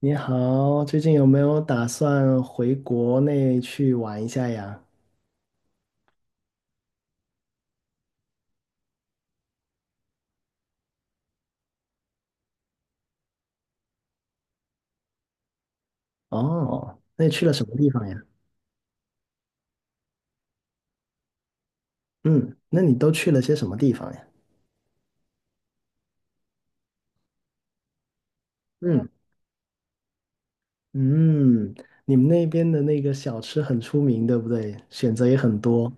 你好，最近有没有打算回国内去玩一下呀？哦，那你去了什么地方呀？嗯，那你都去了些什么地方呀？嗯嗯，你们那边的那个小吃很出名，对不对？选择也很多。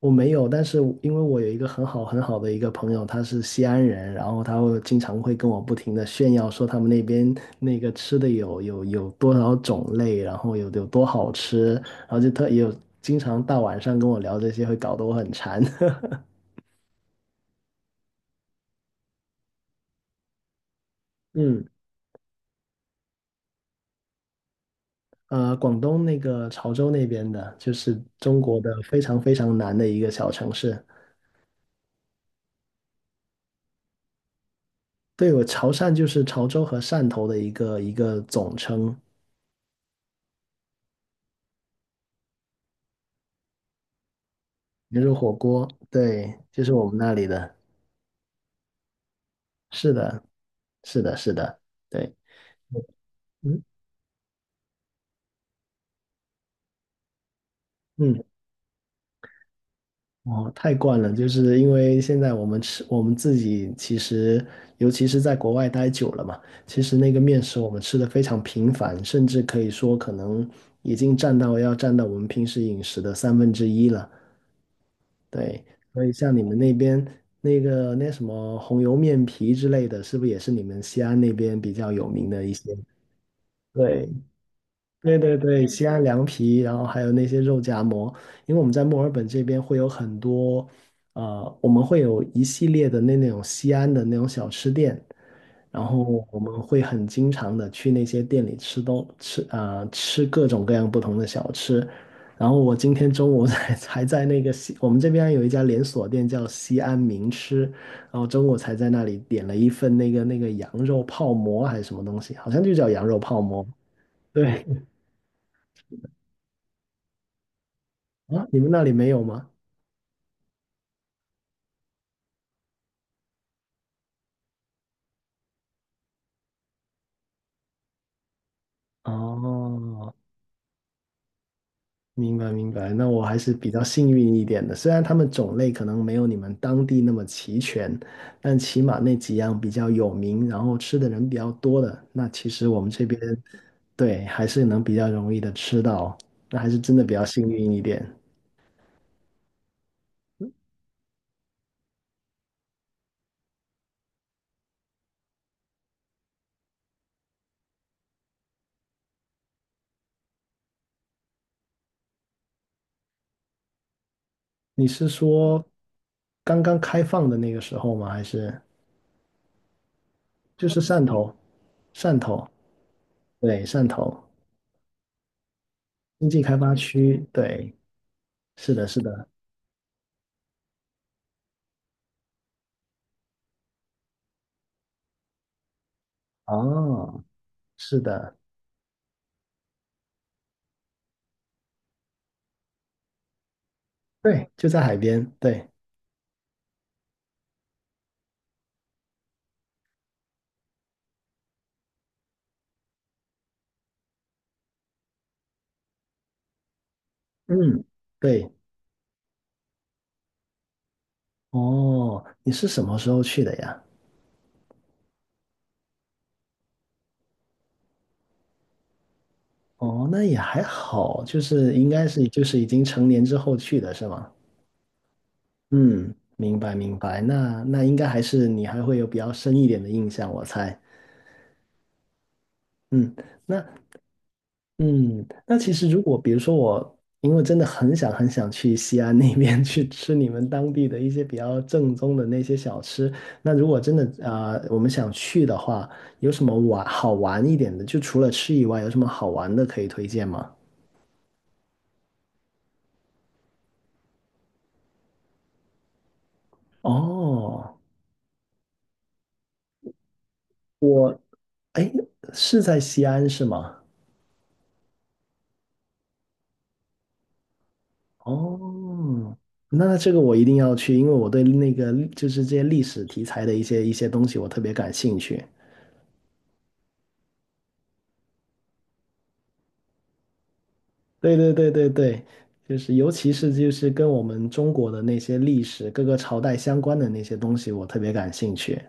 我没有，但是因为我有一个很好很好的一个朋友，他是西安人，然后他会经常会跟我不停的炫耀说他们那边那个吃的有多少种类，然后有多好吃，然后就特也有经常大晚上跟我聊这些，会搞得我很馋。嗯，广东那个潮州那边的，就是中国的非常非常南的一个小城市。对，我潮汕就是潮州和汕头的一个总称，牛肉火锅，对，就是我们那里的。是的，是的，是的，对，嗯嗯，哦，太惯了，就是因为现在我们吃，我们自己其实，尤其是在国外待久了嘛，其实那个面食我们吃的非常频繁，甚至可以说可能已经占到要占到我们平时饮食的三分之一了。对，所以像你们那边那个那什么红油面皮之类的，是不是也是你们西安那边比较有名的一些？对，对对对，西安凉皮，然后还有那些肉夹馍，因为我们在墨尔本这边会有很多，我们会有一系列的那种西安的那种小吃店，然后我们会很经常的去那些店里吃东吃啊、呃吃各种各样不同的小吃，然后我今天中午才 才在那个西，我们这边有一家连锁店叫西安名吃，然后中午才在那里点了一份那个羊肉泡馍还是什么东西，好像就叫羊肉泡馍。对，啊，你们那里没有吗？哦，明白明白，那我还是比较幸运一点的，虽然他们种类可能没有你们当地那么齐全，但起码那几样比较有名，然后吃的人比较多的，那其实我们这边，对，还是能比较容易的吃到，那还是真的比较幸运一点。你是说刚刚开放的那个时候吗？还是就是汕头？汕头，对，汕头经济开发区，对，是的，是的。哦，是的，对，就在海边，对，嗯，对，哦，你是什么时候去的呀？哦，那也还好，就是应该是就是已经成年之后去的是吗？嗯，明白明白，那应该还是你还会有比较深一点的印象，我猜。嗯，那嗯，那其实如果比如说我，因为真的很想很想去西安那边 去吃你们当地的一些比较正宗的那些小吃，那如果真的我们想去的话，有什么玩好玩一点的？就除了吃以外，有什么好玩的可以推荐吗？哦，哎，是在西安是吗？哦，那这个我一定要去，因为我对那个就是这些历史题材的一些东西我特别感兴趣。对对对对对，就是尤其是就是跟我们中国的那些历史各个朝代相关的那些东西，我特别感兴趣。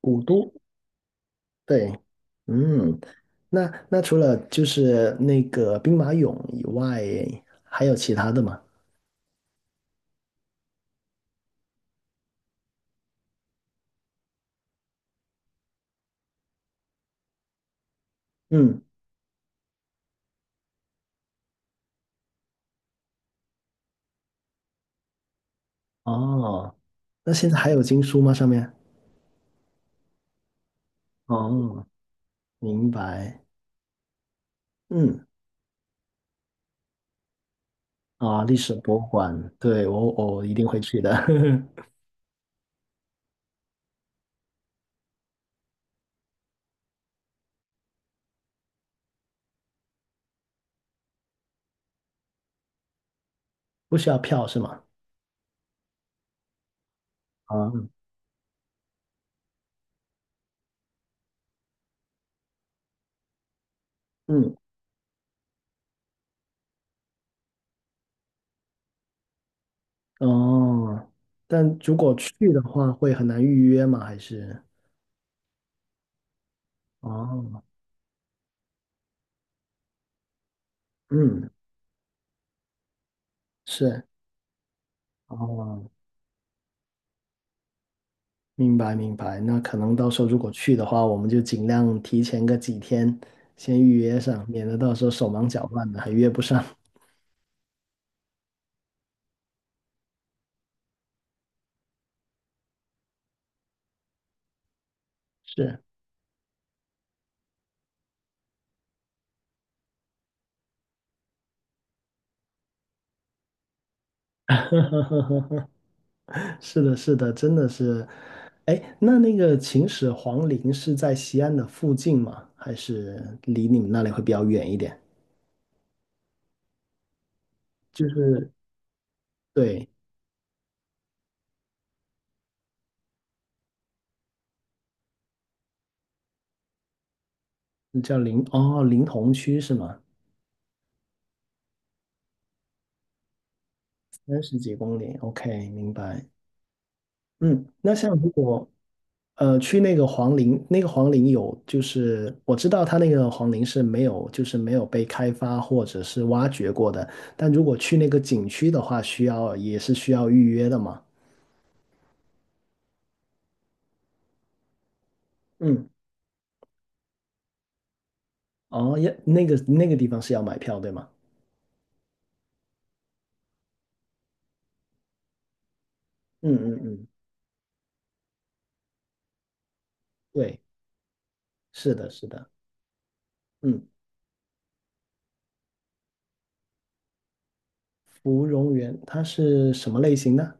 古都，对，嗯，那除了就是那个兵马俑以外，还有其他的吗？嗯，哦，那现在还有经书吗？上面？哦，明白。嗯，啊，历史博物馆，对，我一定会去的，不需要票是吗？啊，嗯。哦，但如果去的话，会很难预约吗？还是？哦，嗯，是，哦，明白明白。那可能到时候如果去的话，我们就尽量提前个几天先预约上，免得到时候手忙脚乱的还约不上。是，是的，是的，真的是。哎，那那个秦始皇陵是在西安的附近吗？还是离你们那里会比较远一点？就是对，哦，临潼区是吗？三十几公里，OK，明白。嗯，那像如果去那个黄陵，那个黄陵有就是我知道它那个黄陵是没有就是没有被开发或者是挖掘过的，但如果去那个景区的话，需要也是需要预约的嘛。嗯，哦，要那个那个地方是要买票对吗？嗯嗯嗯，对，是的，是的。嗯，芙蓉园它是什么类型的？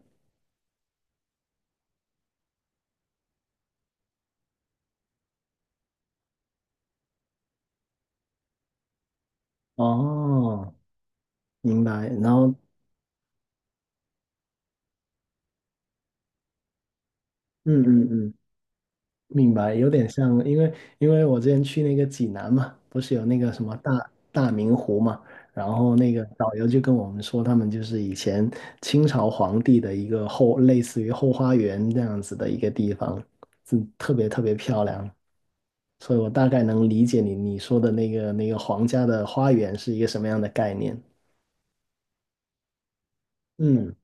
哦，明白。然后嗯嗯嗯，明白，有点像，因为我之前去那个济南嘛，不是有那个什么大明湖嘛，然后那个导游就跟我们说，他们就是以前清朝皇帝的一个后，类似于后花园这样子的一个地方，嗯，特别特别漂亮，所以我大概能理解你说的那个皇家的花园是一个什么样的概念。嗯，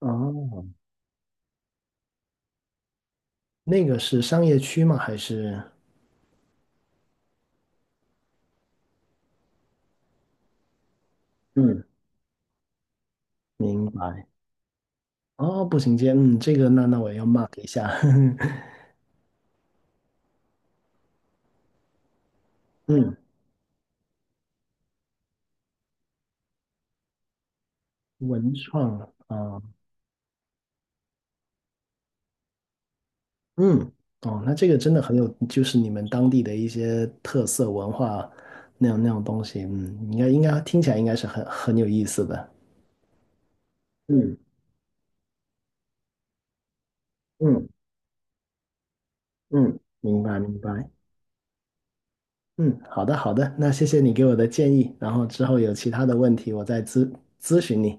哦，那个是商业区吗？还是？嗯，明白。哦，步行街，嗯，这个那我要 mark 一下，嗯，文创啊，嗯，哦，那这个真的很有，就是你们当地的一些特色文化那样东西，嗯，应该听起来应该是很有意思的，嗯嗯嗯，明白明白，嗯，好的好的，那谢谢你给我的建议，然后之后有其他的问题我再咨询你，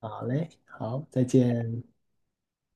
好嘞，好，再见。